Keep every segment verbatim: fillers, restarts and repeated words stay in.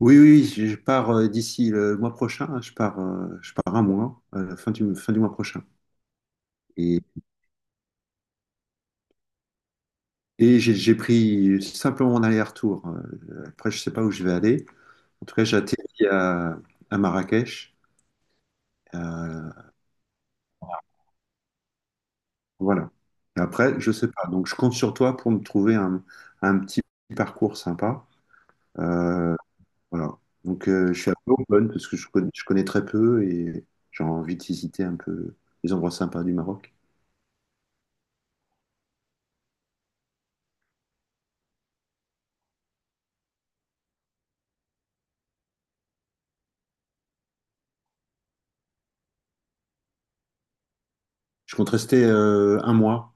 Oui, oui, oui, je je pars euh, d'ici le mois prochain. hein, Je pars, euh, je pars un mois, à la fin du, fin du mois prochain. Et, et j'ai j'ai pris simplement mon aller-retour. euh, Après, je sais pas où je vais aller. En tout cas, j'atterris à, à Marrakech. euh, voilà. Et après, je sais pas. Donc, je compte sur toi pour me trouver un, un petit parcours sympa. Euh, voilà. Donc, euh, je suis un peu open parce que je connais, je connais très peu et j'ai envie de visiter un peu les endroits sympas du Maroc. Je compte rester euh, un mois.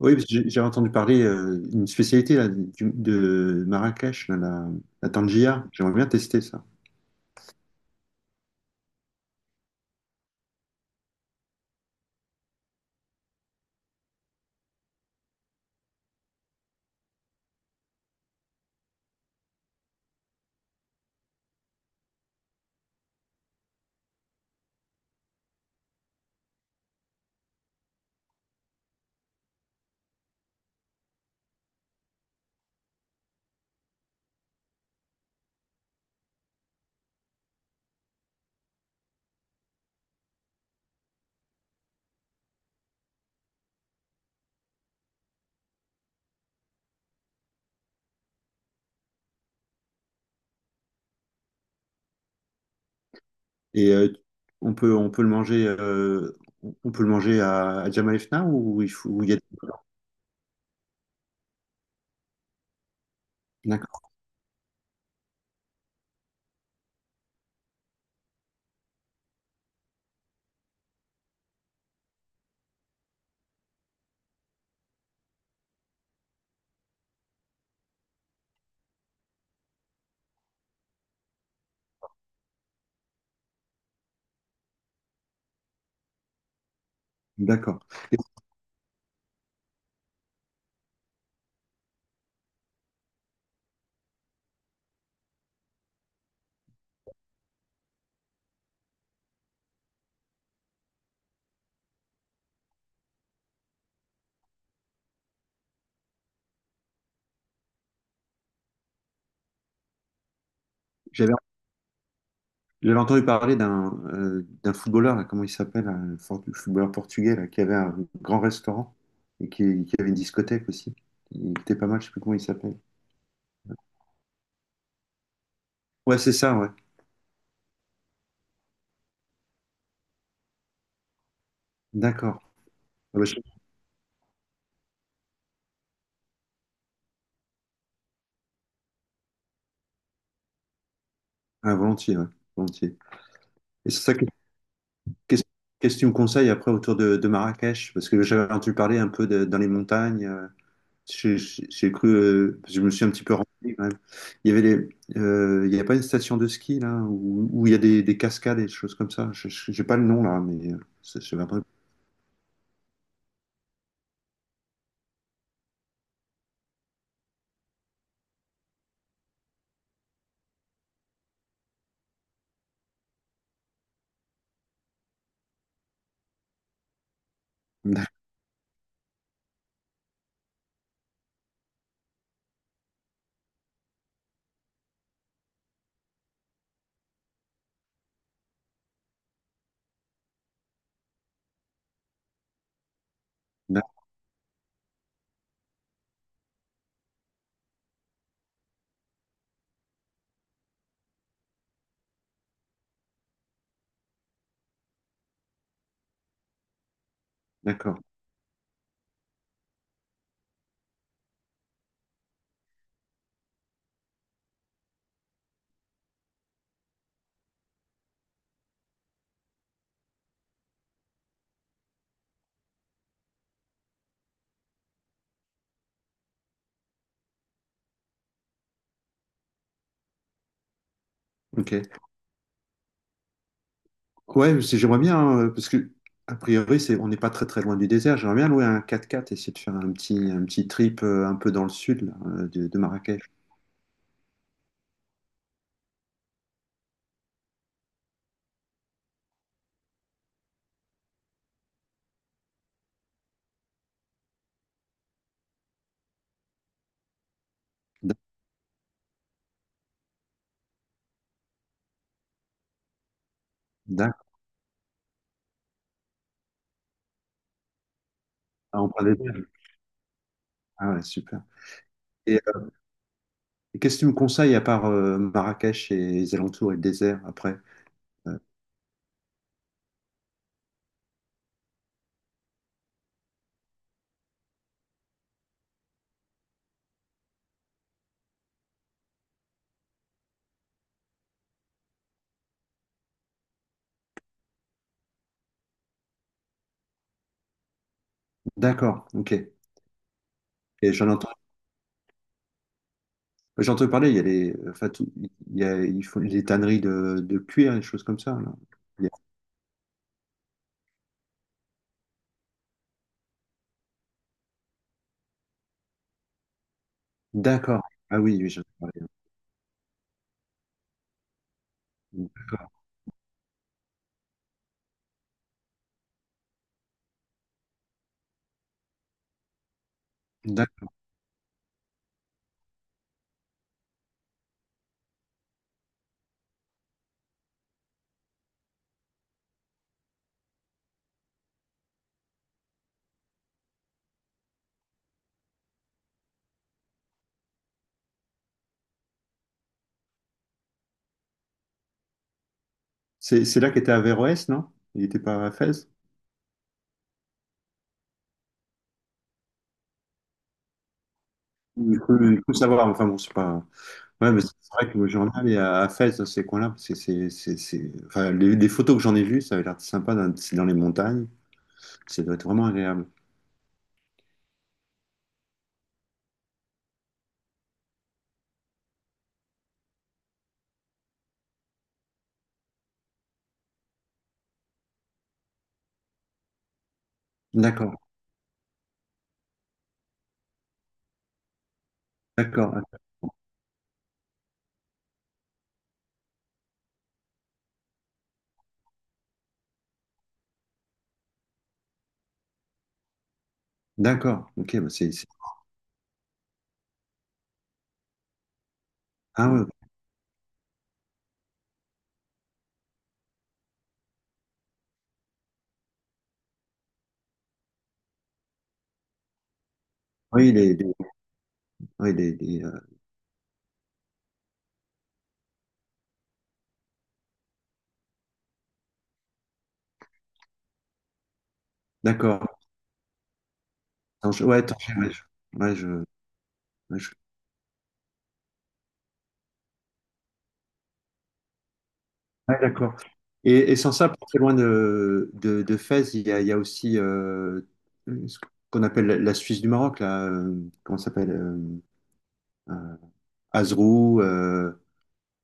Oui, parce que j'ai j'ai entendu parler euh, une spécialité là, du- de Marrakech, là, la, la tangia. J'aimerais bien tester ça. Et euh, on peut, on peut le manger, euh, on peut le manger à, à Jemaa el Fna ou il faut, ou il y a... D'accord, d'accord. J'avais j'avais entendu parler d'un euh, d'un footballeur, là, comment il s'appelle, un for- footballeur portugais là, qui avait un grand restaurant et qui, qui avait une discothèque aussi. Il était pas mal, je sais plus comment il s'appelle. Ouais, c'est ça, ouais. D'accord. Ah, bah, je- ah, volontiers, ouais. Volontiers. Et c'est ça. Qu'est-ce Qu'est-ce que tu me conseilles après autour de, de Marrakech? Parce que j'avais entendu parler un peu de- dans les montagnes. euh, J'ai j'ai- j'ai cru, euh, je me suis un petit peu renseigné quand même. Il y avait les, euh, il y a pas une station de ski là où, où il y a des, des cascades et des choses comme ça. Je je- j'ai pas le nom là, mais euh, je je vais après— D'accord. Ok. Ouais, c'est- j'aimerais bien, hein, parce que a priori, c'est on n'est pas très très loin du désert. J'aimerais bien louer un quatre quatre et essayer de faire un petit un petit trip euh, un peu dans le sud là, euh, de, de Marrakech. D'accord. Ah, on prend des berges. Ah ouais, super. Et euh, qu'est-ce que tu me conseilles à part euh, Marrakech et les alentours et le désert après? Euh, d'accord, ok. Et j'en entends, j'entends parler, il y a les, enfin, tout- il y a, il faut les tanneries de, de cuir, des choses comme ça, là. Il y a- D'accord. Ah oui, oui, j'en ai parlé, hein. D'accord. D'accord. C'est c'est là qu'était Averroès, non? Il n'était pas à Fès? Il faut, il faut savoir, enfin bon, c'est pas. Ouais, mais c'est vrai que moi, j'en ai allé à, à Fès, dans ces coins-là, parce que c'est. c'est- c'est- enfin, les, les photos que j'en ai vues, ça avait l'air sympa, dans- c'est dans les montagnes, ça doit être vraiment agréable. D'accord, d'accord, d'accord. Ok, bah c'est, c'est- ah ouais, oui, les, les- oui, les- les, euh, d'accord. Attends, je- ouais, attends, je- ouais, je, ouais, je- ouais, je- ouais, d'accord. Et, et sans ça, pas très loin de, de, de Fès, il y a, il y a aussi euh, ce qu'on appelle la, la Suisse du Maroc, là, euh, comment ça s'appelle euh, euh, Azrou, euh,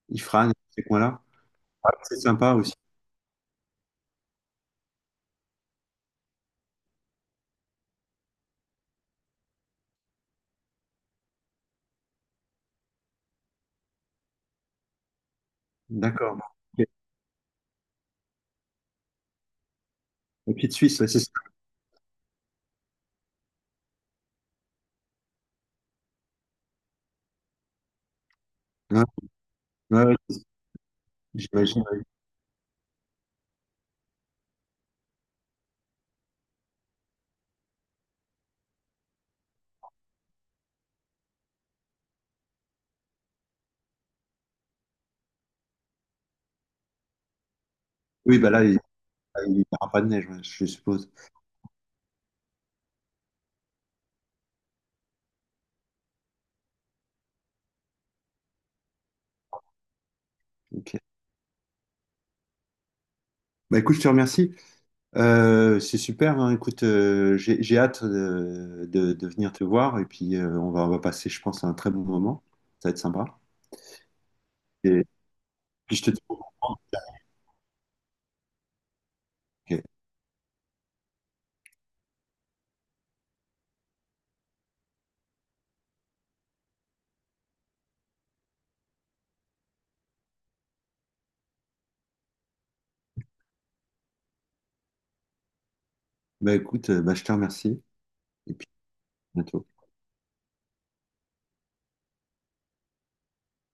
Ifrane, ces coins-là. C'est sympa aussi. D'accord. Ok. La petite Suisse, ouais, c'est ça. Ouais, ouais, ouais, j'imagine. Oui, bah là, il n'y aura pas de neige, ouais, je suppose. Ok. Bah écoute, je te remercie. Euh, c'est super, hein. Écoute, euh, j'ai j'ai hâte euh, de, de venir te voir et puis euh, on va, on va passer, je pense, un très bon moment. Ça va être sympa. Et puis je te dis. Ok. Bah écoute, euh, bah, je te remercie et puis à bientôt.